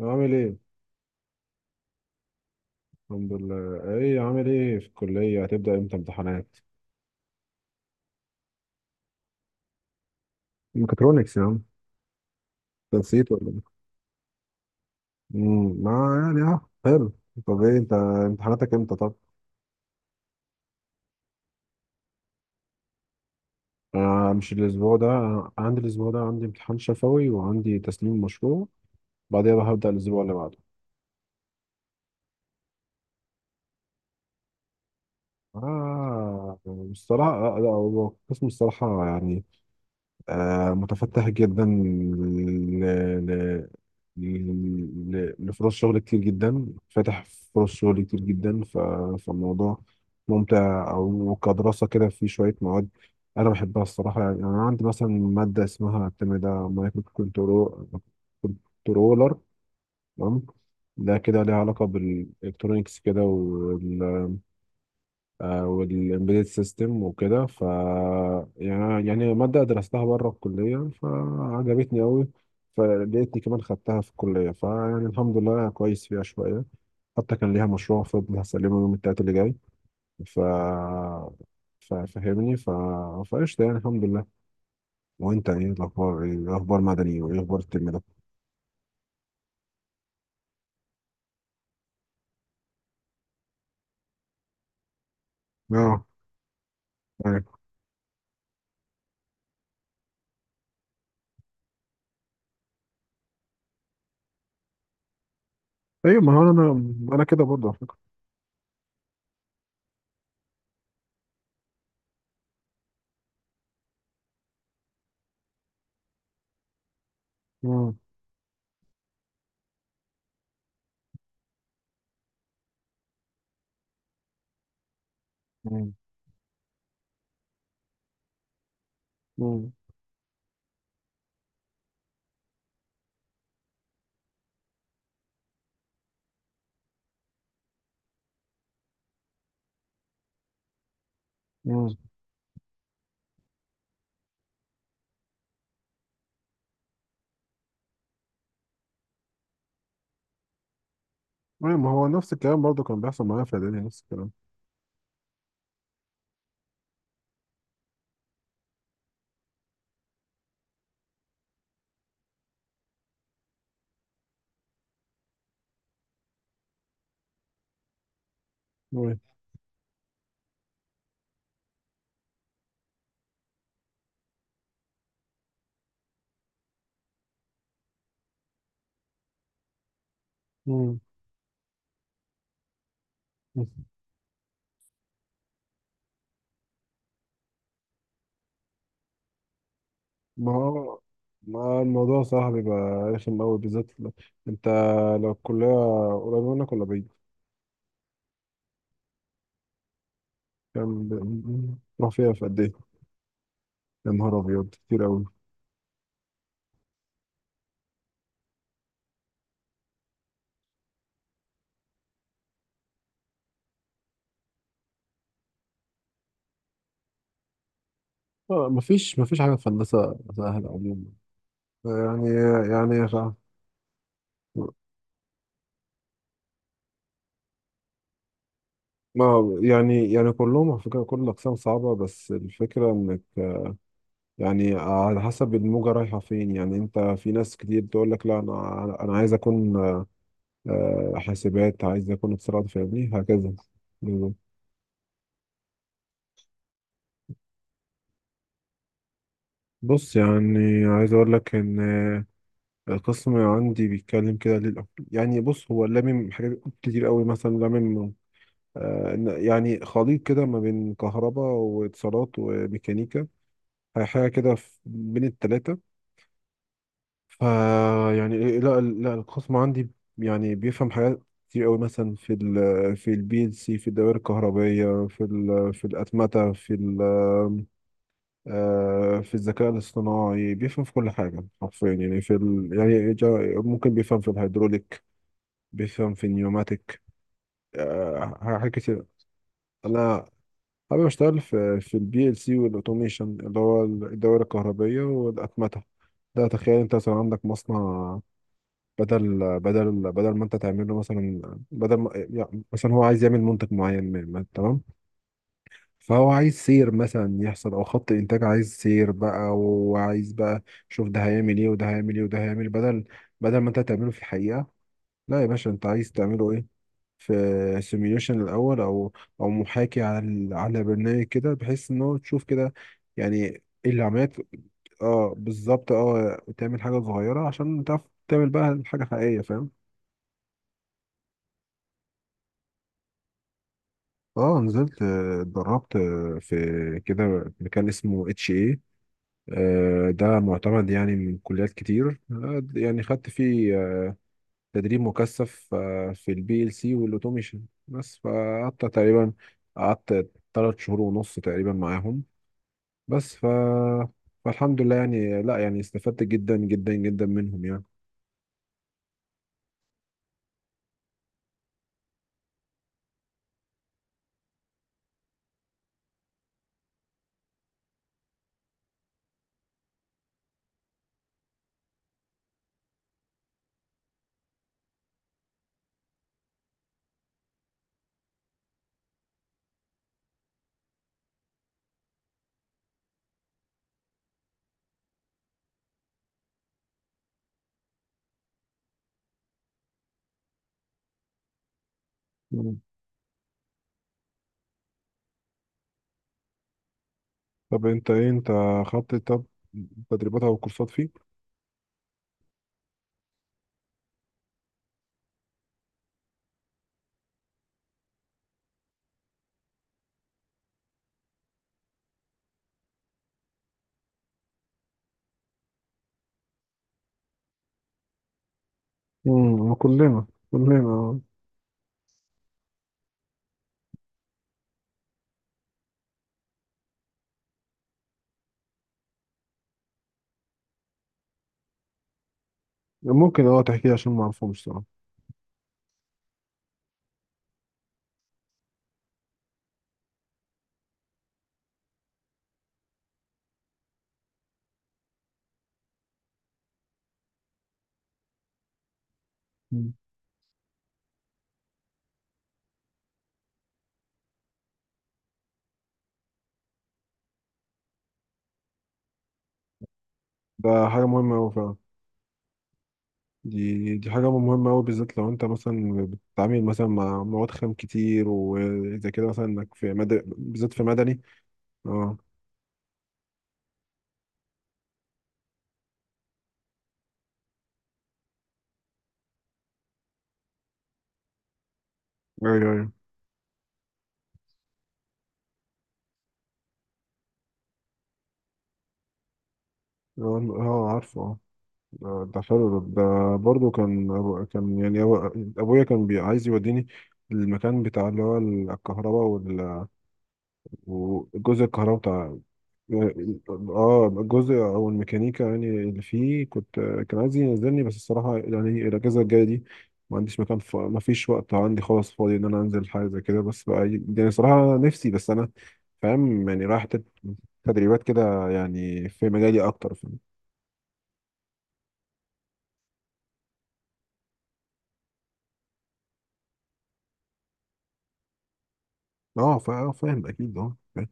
عامل ايه؟ الحمد لله. ايه عامل ايه في الكلية، هتبدأ امتى امتحانات؟ ميكاترونكس يا عم. أنت نسيت ولا ايه؟ ما يعني، حلو. طب ايه انت؟ امتحاناتك امتى طب؟ مش الاسبوع ده. عندي الاسبوع ده، عندي امتحان شفوي وعندي تسليم مشروع. بعدها بقى هبدأ الاسبوع اللي بعده. آه. بصراحة. لا، هو القسم الصراحة يعني. متفتح جدا لفرص شغل كتير جدا فاتح. فرص شغل كتير جدا فالموضوع ممتع أو كدراسة كده، في شوية مواد أنا بحبها الصراحة. يعني أنا عندي مثلا مادة اسمها الترم ده مايكرو كنترولر، تمام. ده كده ليها علاقة بالإلكترونيكس كده، والامبيدد سيستم وكده. يعني مادة درستها بره الكلية فعجبتني أوي. فلقيتني كمان خدتها في الكلية، فيعني الحمد لله كويس فيها شوية. حتى كان ليها مشروع فاضل هسلمه يوم التلات اللي جاي. ف ففهمني فقشطة يعني الحمد لله. وانت ايه الاخبار، ايه اخبار مدني، وايه اخبار الترم ده؟ اه. ايوه. ايوه، ما هو انا كده برضه على فكرة. مم. مم. مم. مم. ايوه، ما هو نفس الكلام برضه كان بيحصل معايا في اعدادي، نفس الكلام. أيوة. مم. ما هو، ما الموضوع صراحة بيبقى رخم أوي بالذات أنت، لو الكلية قريبة منك ولا بعيد؟ كام تروح فيها في قد إيه؟ يا نهار أبيض، كتير أوي. مفيش حاجة في هندسة سهلة عموما يعني. يعني يا شعب، ما يعني كلهم على فكرة كل الأقسام صعبة، بس الفكرة إنك يعني على حسب الموجة رايحة فين. يعني أنت في ناس كتير تقول لك لا، أنا عايز أكون حاسبات، عايز يكون اتصالات، فاهمني هكذا. بالظبط. بص يعني عايز اقول لك ان القسم عندي بيتكلم كده يعني بص، هو لامم حاجات كتير قوي مثلا لامم يعني خليط كده ما بين كهرباء واتصالات وميكانيكا، حاجه كده بين التلاتة. فا يعني، لا لا، القسم عندي يعني بيفهم حاجات كتير قوي، مثلا في البي ال سي، في الدوائر الكهربائيه، في الاتمته، في ال في الذكاء الاصطناعي. بيفهم في كل حاجة حرفيا، يعني يعني ممكن بيفهم في الهيدروليك، بيفهم في النيوماتيك، حاجات كتير. أنا حابب أشتغل في البي ال سي والأوتوميشن، اللي هو الدوائر الكهربية والأتمتة. ده تخيل أنت مثلا عندك مصنع، بدل ما أنت تعمل له مثلا، بدل ما يعني مثلا هو عايز يعمل منتج معين، تمام. فهو عايز سير مثلا يحصل او خط انتاج، عايز سير بقى، وعايز بقى شوف ده هيعمل ايه، وده هيعمل ايه، وده هيعمل إيه، بدل، بدل ما انت تعمله في الحقيقة. لا يا باشا، انت عايز تعمله ايه في سيميوليشن الاول، او محاكي على على برنامج كده، بحيث ان هو تشوف كده يعني ايه اللي عملت. اه بالظبط، اه تعمل حاجة صغيرة عشان تعرف تعمل بقى حاجة حقيقية، فاهم. اه نزلت، اتدربت في كده مكان اسمه اتش. ده معتمد يعني من كليات كتير، يعني خدت فيه تدريب مكثف في البي ال سي والاوتوميشن. بس فقعدت تقريبا، قعدت 3 شهور ونص تقريبا معاهم. بس ف فالحمد لله يعني، لا يعني استفدت جدا جدا جدا منهم يعني. مم. طب انت ايه، انت خدت طب تدريبات او كورسات فيه؟ كلنا كلنا. ممكن تحكي لي عشان ما اعرفهمش صراحة. مم. ده حاجة مهمة أوي فعلا. دي حاجة مهمة أوي، بالذات لو أنت مثلا بتتعامل مثلا مع مواد خام كتير، وإذا كده مثلا إنك في مدني، بالذات في مدني. أه. أيوه أيوه. أه. عارفه، أه. ده حلو. ده برضه كان أبويا كان عايز يوديني المكان بتاع، اللي هو الكهرباء وجزء الكهرباء. اه الجزء او الميكانيكا، يعني اللي فيه كنت، كان عايز ينزلني. بس الصراحه يعني الاجازه الجايه دي ما عنديش مكان، ما فيش وقت عندي خالص فاضي ان انا انزل حاجه زي كده. بس بقى يعني صراحه نفسي، بس انا فاهم. يعني رايح تدريبات كده يعني في مجالي اكتر، فاهم. اه فاهم اكيد، اه فاهم.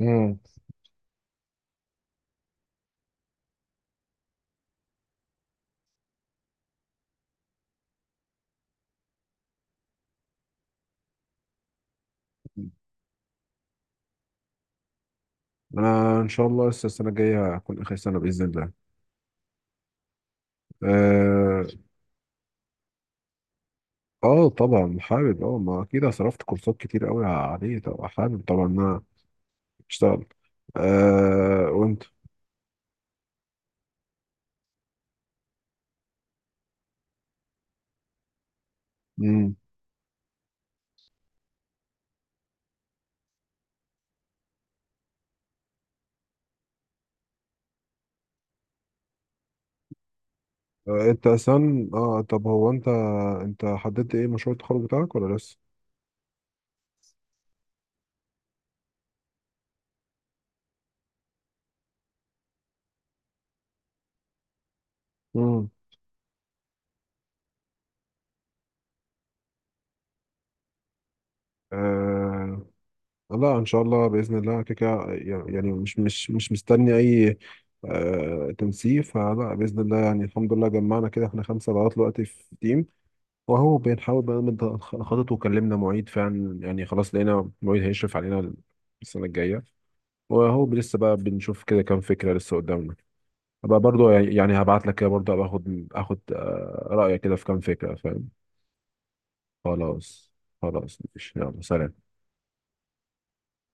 امم. انا ان شاء الله لسه السنه الجايه هكون اخر سنه باذن الله. اه. طبعا حابب، ما اكيد أنا صرفت كورسات كتير قوي عليه، طبعا حابب طبعا اشتغل. وانت؟ امم. انت اصلا، طب هو انت، انت حددت ايه مشروع التخرج بتاعك ولا لسه؟ امم. آه لا، ان شاء الله باذن الله كده كده يعني. مش مستني اي تنسيق، فلا باذن الله. يعني الحمد لله جمعنا كده احنا خمسه لغايه دلوقتي في تيم، وهو بنحاول بقى نخطط. وكلمنا معيد فعلا، يعني خلاص لقينا معيد هيشرف علينا السنه الجايه. وهو لسه بقى بنشوف كده كام فكره لسه قدامنا. ابقى برضو يعني، هبعت لك كده برضو، ابقى اخد رأيك كده في كام فكرة، فاهم. خلاص. خلاص، ماشي، يلا سلام.